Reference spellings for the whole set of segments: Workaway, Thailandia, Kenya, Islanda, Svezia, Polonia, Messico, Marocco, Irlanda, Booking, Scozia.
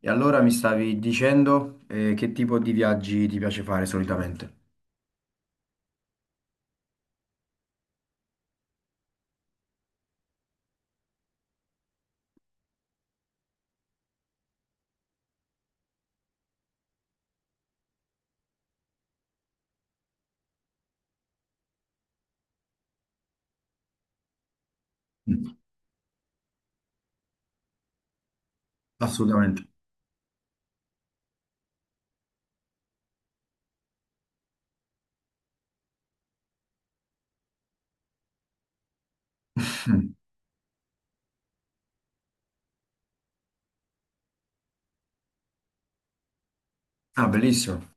E allora mi stavi dicendo che tipo di viaggi ti piace fare solitamente? Mm. Assolutamente. Mm. Ah, bellissimo.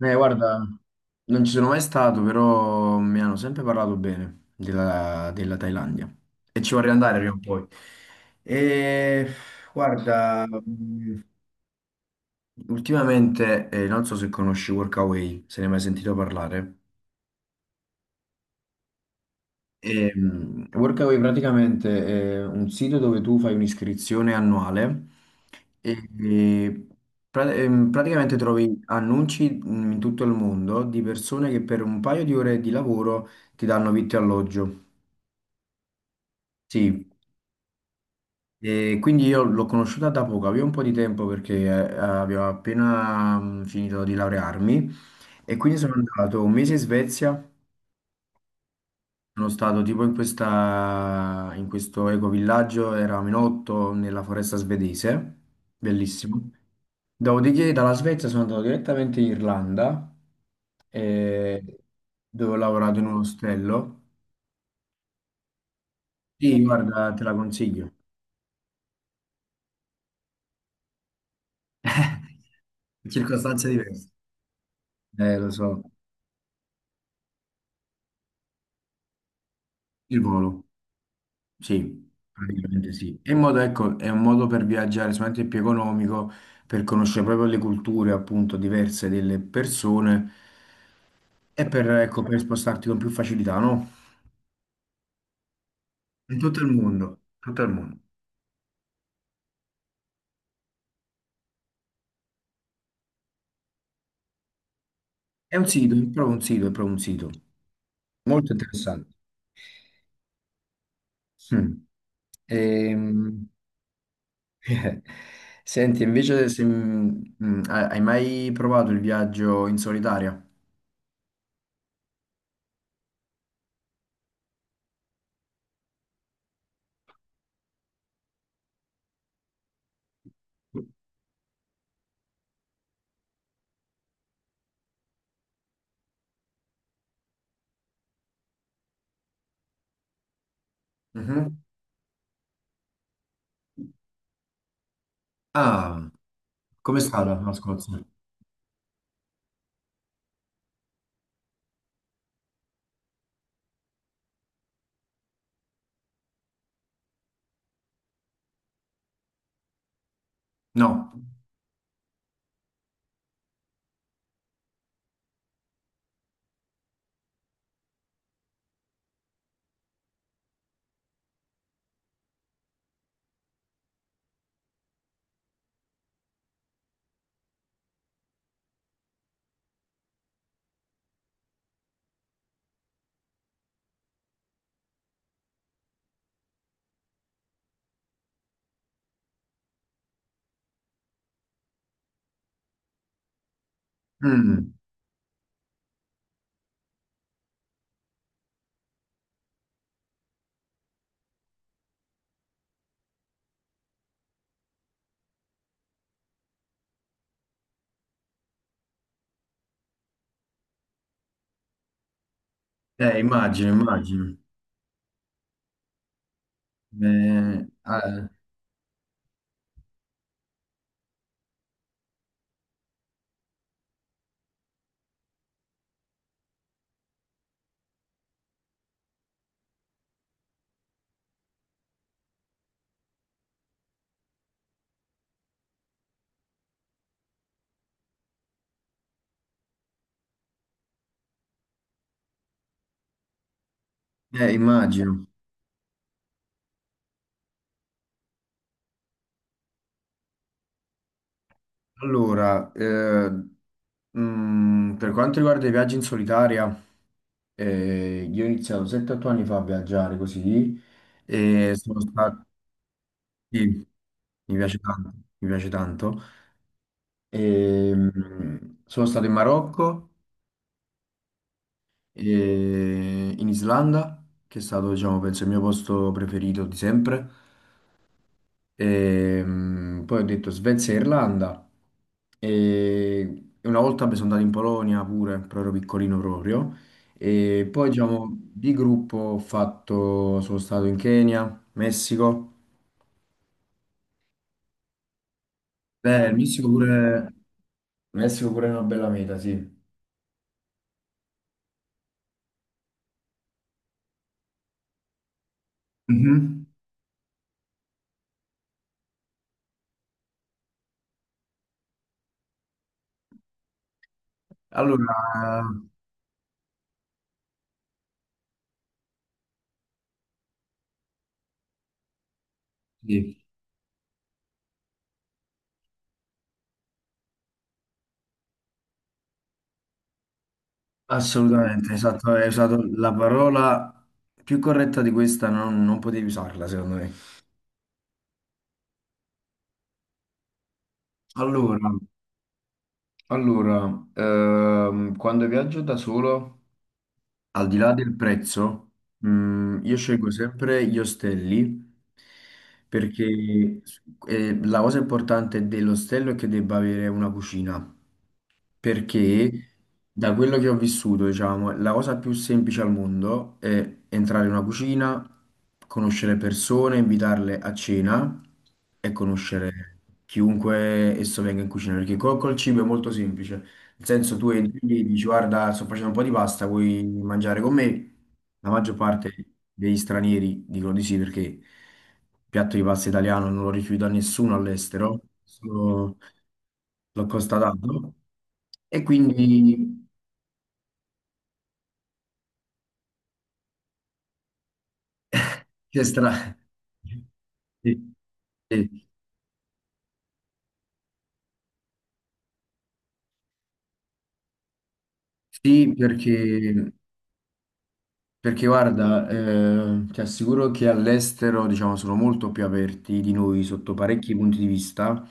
Guarda, non ci sono mai stato, però mi hanno sempre parlato bene della Thailandia e ci vorrei andare prima o poi. E guarda, ultimamente non so se conosci Workaway, se ne hai mai sentito parlare. Workaway praticamente è un sito dove tu fai un'iscrizione annuale e praticamente trovi annunci in tutto il mondo di persone che per un paio di ore di lavoro ti danno vitto e alloggio. Sì, e quindi io l'ho conosciuta da poco, avevo un po' di tempo perché avevo appena finito di laurearmi e quindi sono andato un mese in Svezia. Sono stato tipo in questo ecovillaggio, eravamo in otto nella foresta svedese, bellissimo. Dopodiché dalla Svezia sono andato direttamente in Irlanda, eh, dove ho lavorato in un ostello. Sì, guarda, te la consiglio. Circostanze diverse. Lo so, il volo. Sì, praticamente sì. È un modo, ecco, è un modo per viaggiare sicuramente più economico, per conoscere proprio le culture appunto diverse delle persone e per, ecco, per spostarti con più facilità, no? In tutto il mondo, tutto il mondo. È un sito, è proprio un sito, è proprio un sito. Molto interessante. Mm. Ehm, Senti, invece se, hai mai provato il viaggio in solitaria? Mhm. Ah, com'è stata la Scozia? No. Mm. Immagino, immagino. Ah, immagino. Allora, per quanto riguarda i viaggi in solitaria, io ho iniziato 7-8 anni fa a viaggiare così e sono stato... Sì, mi piace tanto, mi piace tanto. E, mm, Sono stato in Marocco e in Islanda, che è stato, diciamo, penso, il mio posto preferito di sempre. Poi ho detto Svezia e Irlanda. E una volta mi sono andato in Polonia pure, però ero piccolino proprio. E poi, diciamo, di gruppo ho fatto, sono stato in Kenya, Messico. Beh, il Messico pure è una bella meta, sì. Mhm. Allora, sì, assolutamente, esatto, hai usato la parola più corretta di questa, non, non potevi usarla, secondo me. Allora, Allora, quando viaggio da solo, al di là del prezzo, io scelgo sempre gli ostelli perché la cosa importante dell'ostello è che debba avere una cucina perché da quello che ho vissuto, diciamo, la cosa più semplice al mondo è entrare in una cucina, conoscere persone, invitarle a cena e conoscere chiunque esso venga in cucina, perché col cibo è molto semplice. Nel senso, tu entri lì e dici, guarda, sto facendo un po' di pasta, vuoi mangiare con me? La maggior parte degli stranieri dicono di sì perché il piatto di pasta italiano non lo rifiuta nessuno all'estero, l'ho constatato, e quindi che stra... Sì, sì. Sì, perché guarda, ti assicuro che all'estero, diciamo, sono molto più aperti di noi sotto parecchi punti di vista.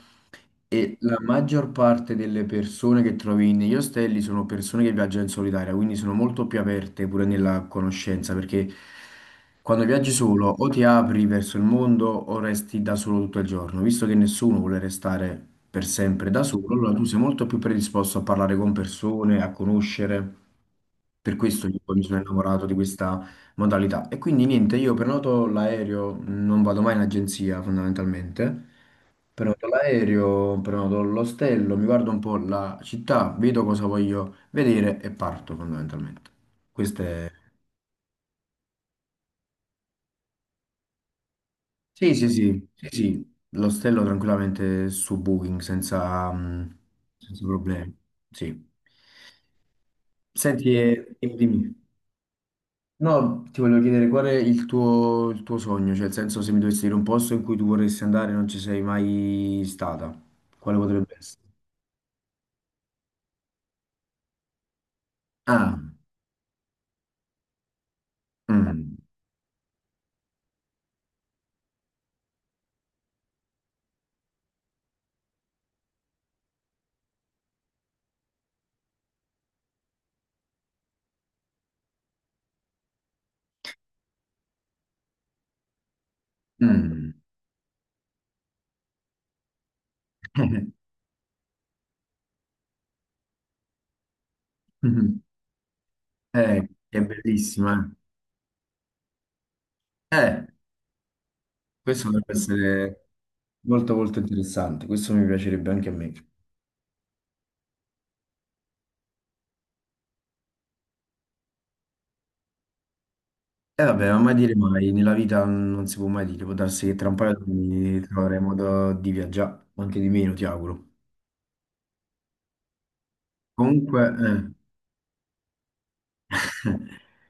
E la maggior parte delle persone che trovi negli ostelli sono persone che viaggiano in solitaria, quindi sono molto più aperte pure nella conoscenza, perché quando viaggi solo o ti apri verso il mondo o resti da solo tutto il giorno, visto che nessuno vuole restare per sempre da solo, allora tu sei molto più predisposto a parlare con persone, a conoscere. Per questo io poi mi sono innamorato di questa modalità. E quindi niente, io prenoto l'aereo, non vado mai in agenzia fondamentalmente. Prenoto l'aereo, prenoto l'ostello, mi guardo un po' la città, vedo cosa voglio vedere e parto fondamentalmente. Questo è... Sì, sì, sì, sì, sì, l'ostello tranquillamente su Booking senza, senza problemi. Sì. Senti, dimmi. Dimmi. No, ti volevo chiedere qual è il tuo sogno, cioè nel senso se mi dovessi dire un posto in cui tu vorresti andare e non ci sei mai stata, quale potrebbe essere? Ah, mm, mm. È bellissima. Eh, questo potrebbe essere molto interessante, questo mi piacerebbe anche a me. E vabbè, ma mai dire mai, nella vita non si può mai dire, può darsi che tra un paio di anni troveremo modo di viaggiare, o anche di meno, ti auguro. Comunque, eh,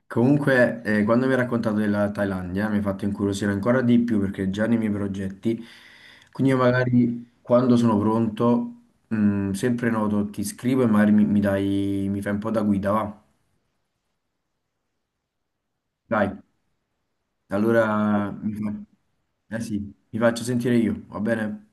Comunque, quando mi hai raccontato della Thailandia mi hai fatto incuriosire ancora di più perché è già nei miei progetti, quindi io magari quando sono pronto, sempre noto, ti scrivo e magari mi dai, mi fai un po' da guida, va? Dai, allora mi faccio sentire io, va bene?